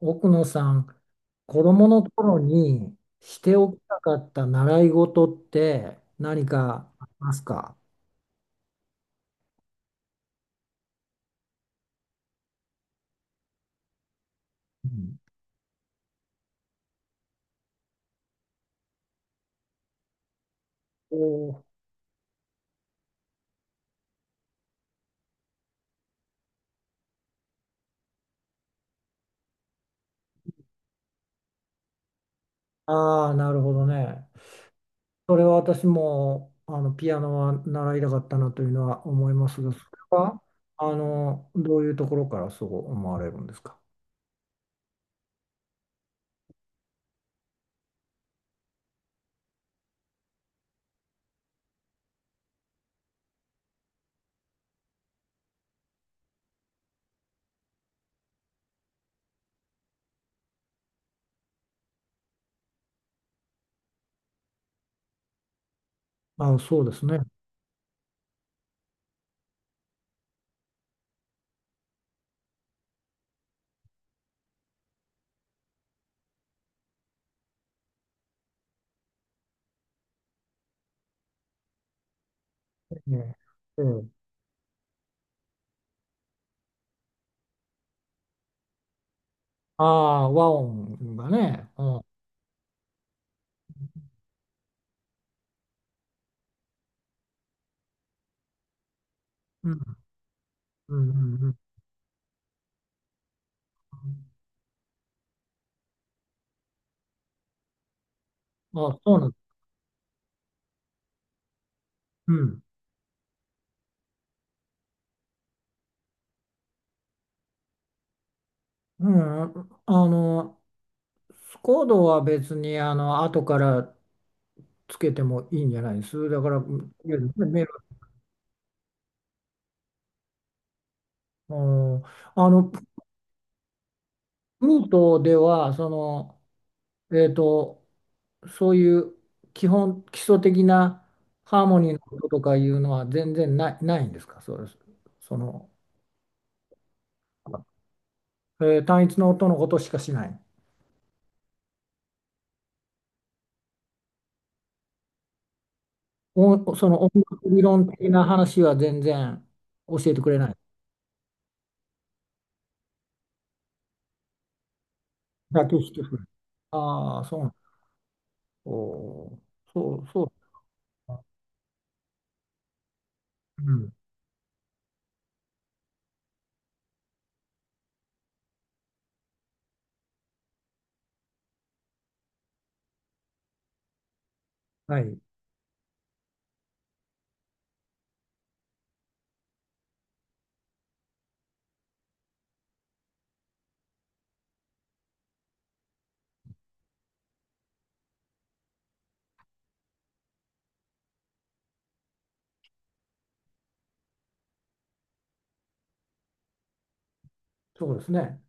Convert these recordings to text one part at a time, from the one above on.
奥野さん、子供の頃にしておきたかった習い事って何かありますか？うん、おああー、なるほどね。それは私もピアノは習いたかったなというのは思いますが、それはどういうところからそう思われるんですか？あ、そうですね。ねええああ、和音がね。うん、うん、うん、うん。うん。あ、そうなんです。うん。うん、あの、スコードは別に後からつけてもいいんじゃないです。だから、うん。メロうん。プルートでは、えーと、そういう基礎的なハーモニーの音とかいうのは全然ないんですか？そうです。その、単一の音のことしかしない。お、その音楽理論的な話は全然教えてくれない。だけしてくれる。ああ、そうなん。おーそう、そう。うん。はい。そうですね。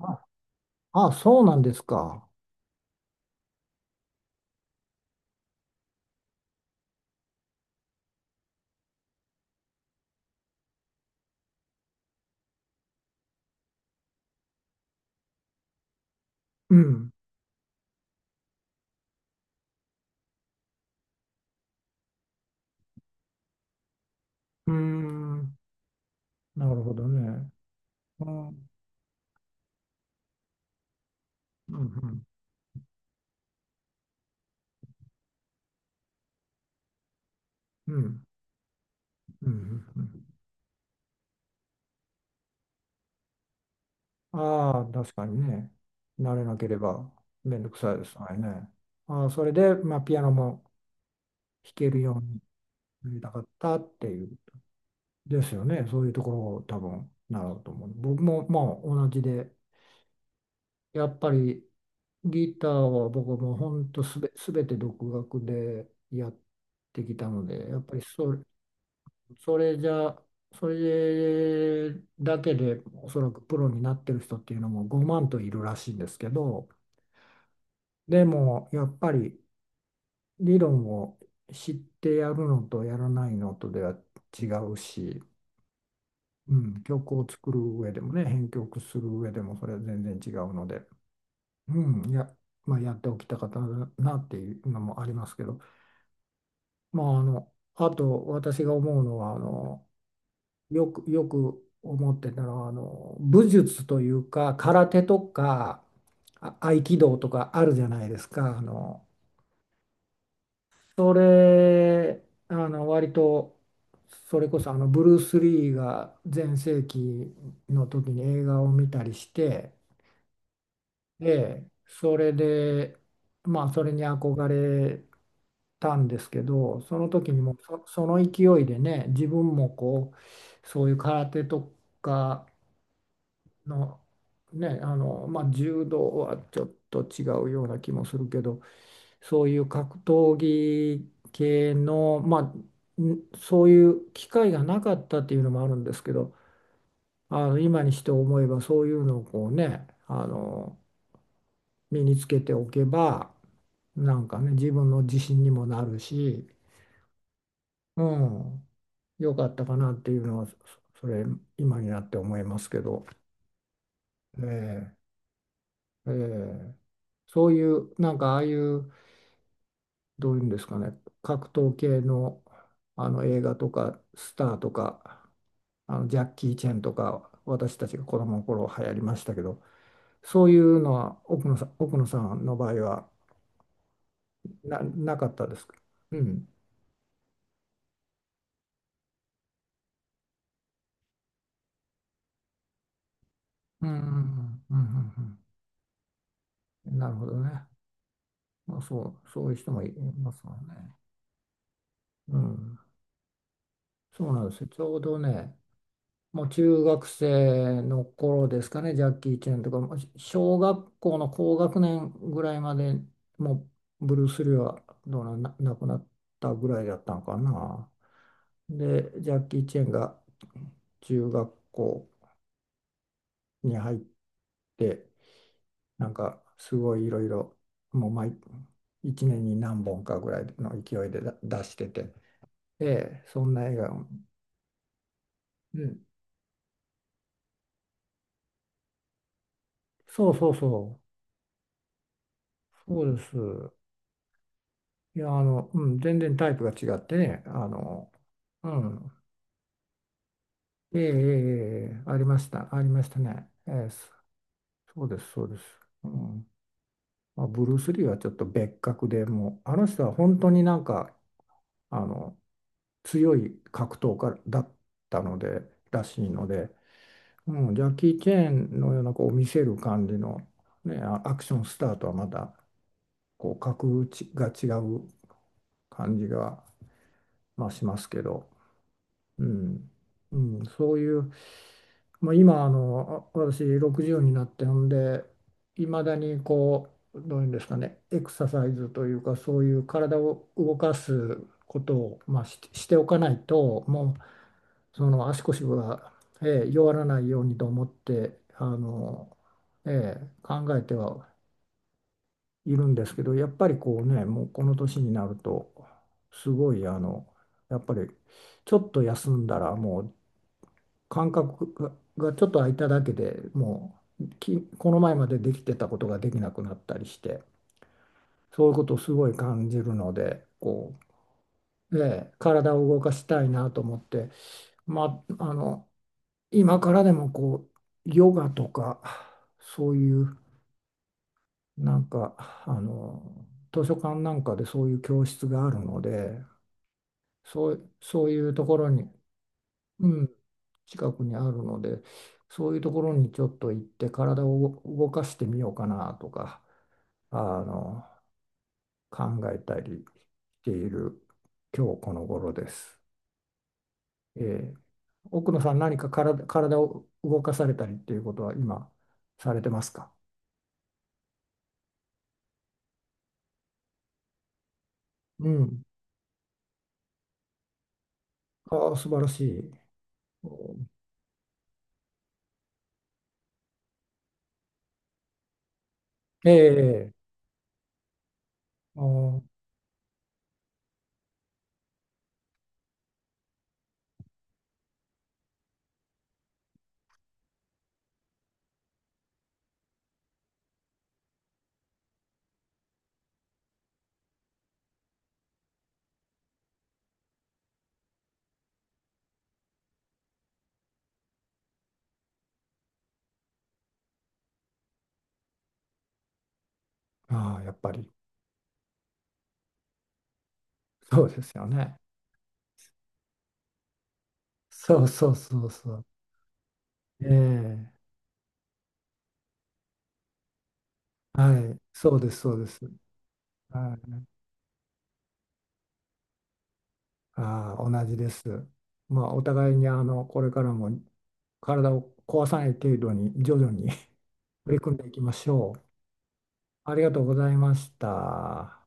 あ、あ、そうなんですか。うん。うーん。なるほどね。うん、うん。うん。うん。うん。ああー、確かにね。慣れなければめんどくさいですからね。ああ、それで、まあ、ピアノも弾けるようになりたかったっていう、ですよね。そういうところを多分、なると思う。僕もまあ、同じで、やっぱりギターは僕もほんとすべて独学でやってきたので、やっぱりそれじゃ、それだけでおそらくプロになってる人っていうのも5万といるらしいんですけど、でもやっぱり理論を知ってやるのとやらないのとでは違うし、うん、曲を作る上でもね、編曲する上でもそれは全然違うので。うん、いや、まあ、やっておきたかったなっていうのもありますけど、まあ、あと私が思うのは、よく思ってたのは、武術というか、空手とか、合気道とかあるじゃないですか。それ、割と、それこそ、ブルース・リーが全盛期の時に映画を見たりして、で、それで、まあ、それに憧れたんですけど、その時にもその勢いでね、自分もこう、そういう空手とかの、ね、まあ、柔道はちょっと違うような気もするけど、そういう格闘技系の、まあ、そういう機会がなかったっていうのもあるんですけど、今にして思えばそういうのをこうね、身につけておけば、なんかね、自分の自信にもなるし、うん、良かったかなっていうのは、それ、今になって思いますけど、ええええそういう、なんかああいう、どういうんですかね、格闘系の、あの映画とか、スターとか、あのジャッキー・チェンとか、私たちが子供の頃流行りましたけど、そういうのは奥野さんの場合はなかったですか？うん。うん、うん、うん、うん、なるほどね。まあ、そういう人もいますもんね。うん、そうなんですよ。ちょうどね、もう中学生の頃ですかね、ジャッキー・チェンとか、もう小学校の高学年ぐらいまで、もうブルース・リーはどうな、な亡くなったぐらいだったのかな。で、ジャッキー・チェンが中学校に入って、なんかすごいいろいろ、もう毎1年に何本かぐらいの勢いで出してて、ええ、そんな映画を、うん、そうそうそう、そうです。いや、うん、全然タイプが違ってね、うん、ええ、ええ、ええ、ありました、ありましたね。ええ、そうです、そうです。うん、まあ、ブルース・リーはちょっと別格でもう、あの人は本当になんか、あの、強い格闘家だったので、らしいので、うん、ジャッキー・チェーンのようなこう見せる感じの、ね、アクションスターとはまたこう格打ちが違う感じが、まあ、しますけど、うん、うん、そういう、まあ、今私60になってほんで、いまだにこうどういうんですかね、エクササイズというかそういう体を動かすことを、まあ、しておかないと、もうその足腰が、ええ、弱らないようにと思って、ええ、考えてはいるんですけど、やっぱりこうね、もうこの年になるとすごい、やっぱりちょっと休んだらもう感覚がちょっと空いただけで、もうこの前までできてたことができなくなったりして、そういうことをすごい感じるので、こう、ええ、体を動かしたいなと思って。まあ、今からでもこうヨガとか、そういうなんか、図書館なんかでそういう教室があるので、そういうところに、うん、近くにあるので、そういうところにちょっと行って体を動かしてみようかなとか、あの考えたりしている今日この頃です。えー、奥野さん何か体を動かされたりっていうことは今されてますか？うん。ああ、素晴らしい。うん、ええ、あー、あー、やっぱり、そうですよね。そうそうそうそう。ええ、はい、そうです、そうです。はい、ああ、同じです。まあ、お互いに、これからも体を壊さない程度に、徐々に 取り組んでいきましょう。ありがとうございました。